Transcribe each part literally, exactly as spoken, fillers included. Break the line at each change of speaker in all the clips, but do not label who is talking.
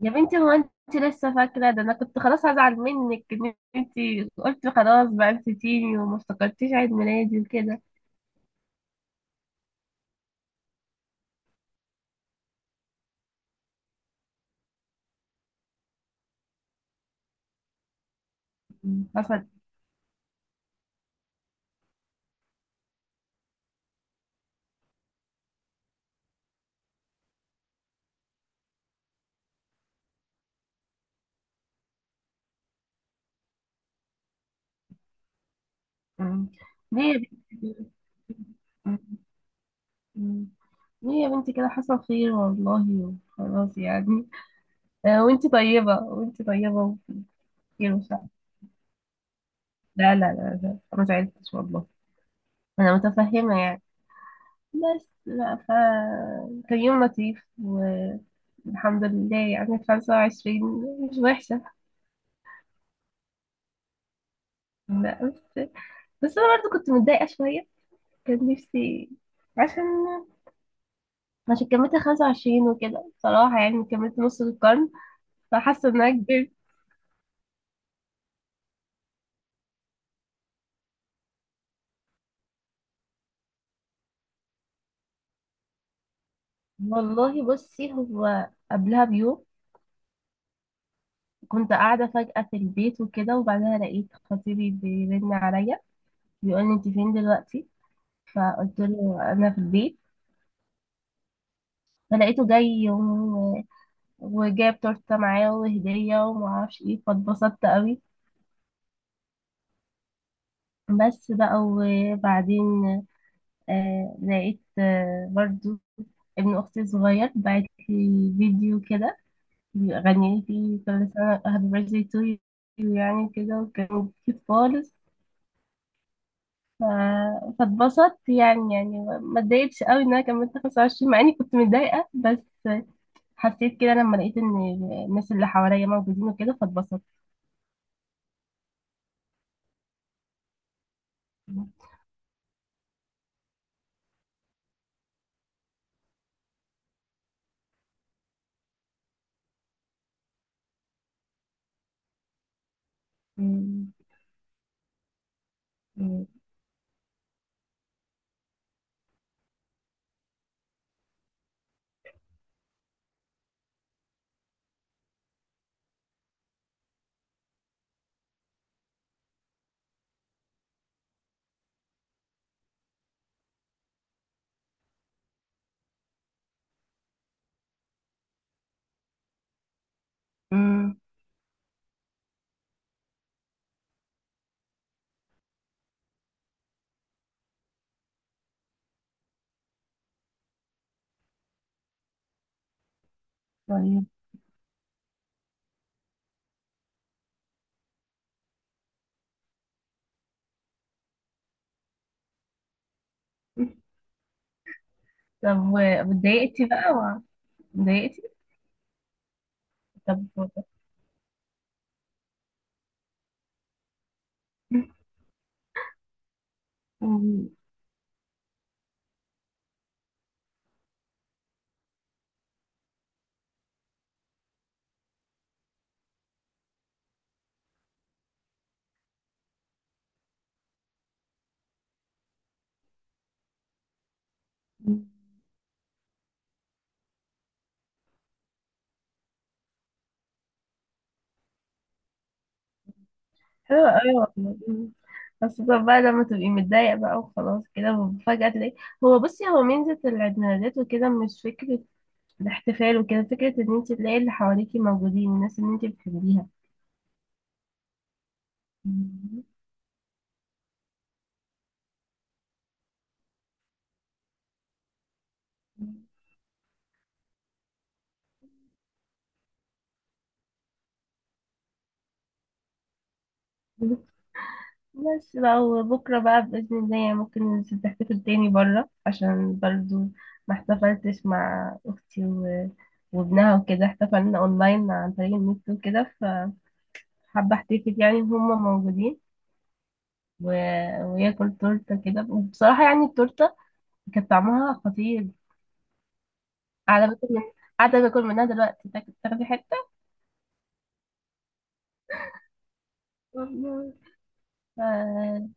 يا بنتي، هو انت لسه فاكرة؟ ده انا كنت خلاص هزعل منك، ان انت قلت خلاص بقى نسيتيني وما افتكرتيش عيد ميلادي وكده. مم. حصل. مم. ليه يا بنتي؟ مم. مم. ليه يا بنتي كده؟ حصل خير والله، خلاص يعني. آه، وانت طيبة، وانت طيبة، وفي خير وسعد. لا لا لا لا، انا ما زعلتش والله. انا متفهمة يعني. بس بقى ف كان يوم لطيف والحمد لله، يعني خمسة وعشرين مش وحشة. لا، بس بس انا برضو كنت متضايقه شويه. كان نفسي. عشان عشان كملت خمسة وعشرين وكده، بصراحه يعني كملت نص القرن، فحاسه ان انا كبرت. والله بصي، هو قبلها بيوم كنت قاعده فجاه في البيت وكده، وبعدها لقيت خطيبي بيرن عليا، بيقول لي انت فين دلوقتي؟ فقلت له انا في البيت. فلقيته جاي، و... وجاب تورته معاه وهديه ومعرفش ايه، فاتبسطت قوي. بس بقى. وبعدين آه لقيت، آه برضو ابن أختي الصغير بعت لي فيديو كده، غني لي فيه كل سنة هابي بيرثدي تو يو يعني كده، وكان كيوت خالص. ف- فاتبسطت، يعني يعني ما اتضايقتش قوي ان انا كملت خمس وعشرين مع اني كنت متضايقة، بس حسيت كده لما لقيت ان الناس اللي حواليا موجودين وكده، فاتبسطت. أمم. أمم. طيب. طب، و- واتضايقتي بقى، و- اتضايقتي؟ طب. أمم. حلو، أيوة. خاصة بقى لما تبقي متضايقة بقى وخلاص، كده فجأة تلاقي. هو بصي، هو ميزة العيد ميلادات وكده مش فكرة الاحتفال وكده، فكرة ان انت تلاقي اللي حواليكي موجودين، الناس اللي انت بتحبيها. بس بقى. وبكرة بقى بإذن الله يعني ممكن تحتفل تاني برا، عشان برضو ما احتفلتش مع أختي و... وابنها وكده، احتفلنا أونلاين عن طريق النت وكده. فحابة احتفل يعني إن هما موجودين و... وياكل تورته كده، وبصراحه يعني التورته كانت طعمها خطير. قاعده باكل من... قاعده باكل منها دلوقتي، تاك- تاخدي حته؟ والله. آه.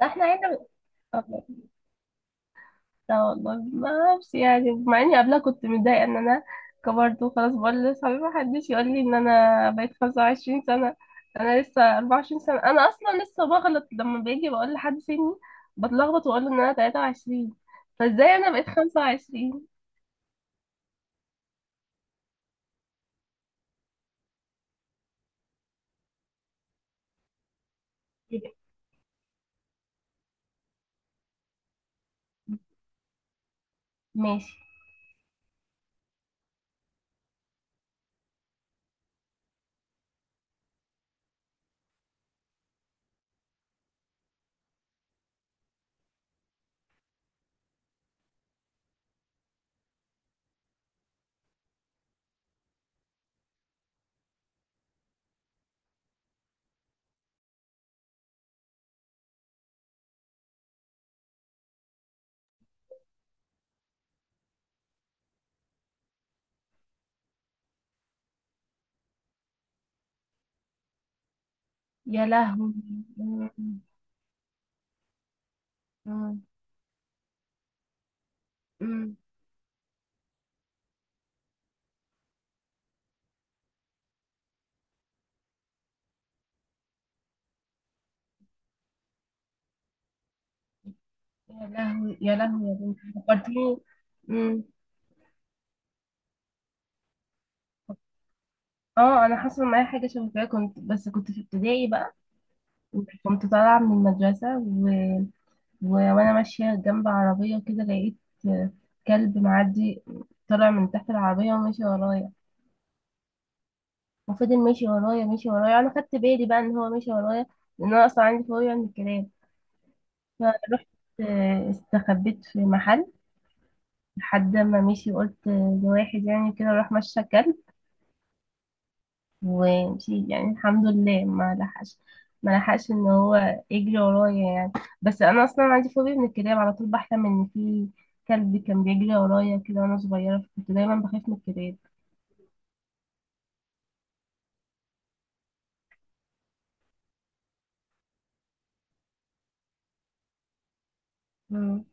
لا، احنا هنا. لا والله، ما اعرفش يعني، مع اني قبلها كنت متضايقه ان انا كبرت وخلاص، بقول لاصحابي ما حدش يقول لي ان انا بقيت خمسة وعشرين سنه، انا لسه اربعة وعشرين سنه. انا اصلا لسه بغلط لما باجي بقول لحد سني، بتلخبط واقول له ان انا تلاتة وعشرين. فازاي انا بقيت خمسة وعشرين؟ ماشي. يا لهوي. مم. مم. امم. يا لهوي، يا لهوي يا بنتي، فكرتيني. مم. اه، انا حصل معايا حاجه شبه كده، كنت، بس كنت في ابتدائي بقى. كنت طالعه من المدرسه، و... و... وانا ماشيه جنب عربيه كده، لقيت كلب معدي طالع من تحت العربيه وماشي ورايا، وفضل ماشي ورايا، ماشي ورايا. انا خدت بالي بقى ان هو ماشي ورايا، لان انا اصلا عندي فوبيا من الكلاب. فرحت، آه، استخبيت في محل لحد ما مشي. قلت لواحد يعني كده، راح مشى كلب، ومشي يعني الحمد لله ما لحقش، ما لحقش ان هو يجري ورايا يعني. بس انا اصلا عندي فوبيا من الكلاب، على طول بحلم ان في كلب كان بيجري ورايا كده وانا صغيره، فكنت دايما بخاف من الكلاب. مم.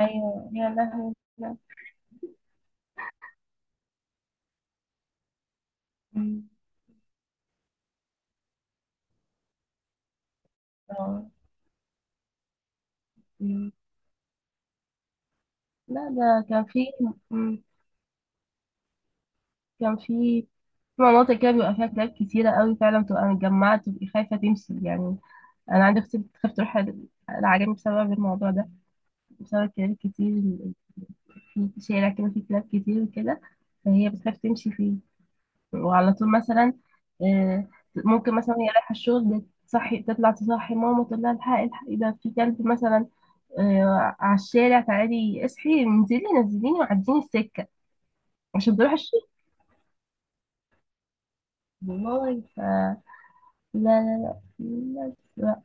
ايوه، يا لهوي، لا. مم. آه. مم. لا، ده كان في، مم. كان في في مناطق كده بيبقى فيها كلاب كتيرة قوي، فعلا بتبقى متجمعة، تبقي خايفة تمشي يعني. انا عندي اختي بتخاف تروح ال- العجمي بسبب الموضوع ده، بسبب الكلاب كتير. ال- في شارع كده فيه كلاب كتير وكده، فهي بتخاف تمشي فيه. وعلى طول مثلا آه، ممكن مثلا هي رايحه الشغل، تصحي تطلع، تصحي ماما تقول لها الحقي الحقي ده في كلب مثلا، آه، على الشارع، تعالي اصحي انزلي نزليني وعديني السكه عشان بروح الشغل. والله. ف لا. لا لا لا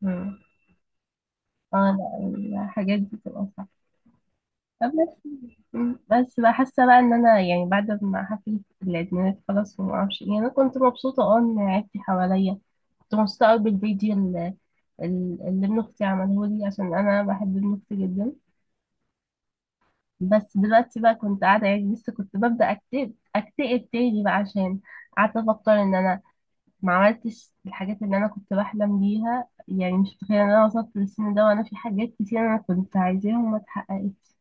لا. اه، لا، الحاجات دي بتبقى صعبة. مم. بس بقى، حاسه بقى ان انا يعني بعد ما حفلة العيد خلاص وما اعرفش ايه، انا كنت مبسوطه اه ان عيلتي حواليا. كنت مبسوطه قوي بالفيديو اللي, اللي ابن اختي عمله لي، عشان انا بحب ابن اختي جدا. بس دلوقتي بقى كنت قاعده يعني، لسه كنت ببدا اكتئب اكتئب تاني بقى، عشان قعدت افكر ان انا ما عملتش الحاجات اللي انا كنت بحلم بيها، يعني مش متخيله ان انا وصلت للسن ده وانا في حاجات كتير انا كنت عايزاها وما اتحققتش.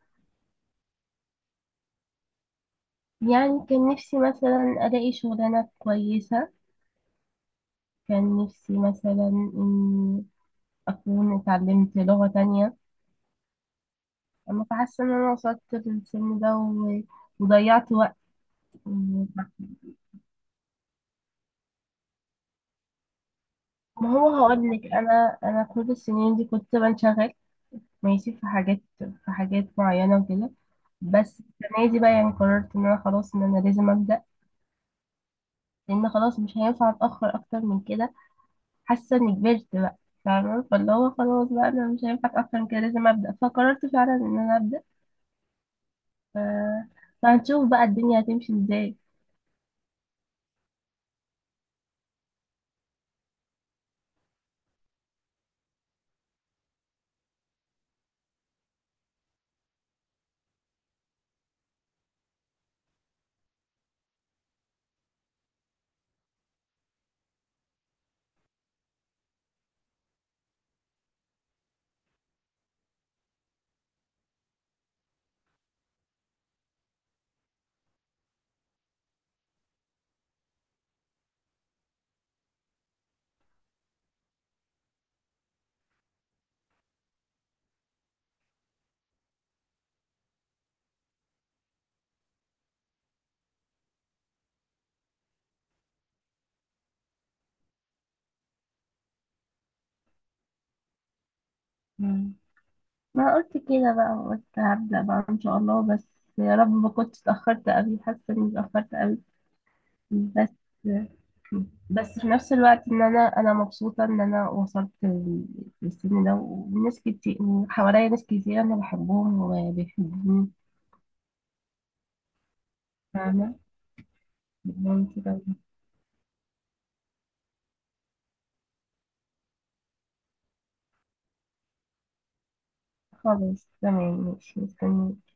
يعني كان نفسي مثلا ألاقي شغلانة كويسة، كان نفسي مثلا إني أكون اتعلمت لغة تانية، أما فحاسة إن أنا وصلت للسن ده و- وضيعت وقت. ما هو هقولك، أنا أنا كل السنين دي كنت بنشغل، ماشي في حاجات في حاجات معينة وكده. بس السنة دي بقى يعني قررت إن أنا خلاص، إن أنا لازم أبدأ، لأن خلاص مش هينفع أتأخر أكتر من كده، حاسه اني كبرت بقى. فاهمه. فاللي هو خلاص بقى انا مش هينفع اتاخر من كده، لازم ابدا، فقررت فعلا ان انا ابدا، ف... فهنشوف بقى الدنيا هتمشي ازاي. مم. ما قلت كده بقى، قلت هبدا بقى ان شاء الله، بس يا رب ما كنتش اتاخرت قوي، حاسه اني اتاخرت قوي. بس بس في نفس الوقت ان انا انا مبسوطه ان انا وصلت لل- للسن ده، وناس كتير وحواليا ناس كتير انا بحبهم وبيحبوني. فاهمه، بيحبوني كده. خلاص تمام، ماشي، مستنيك.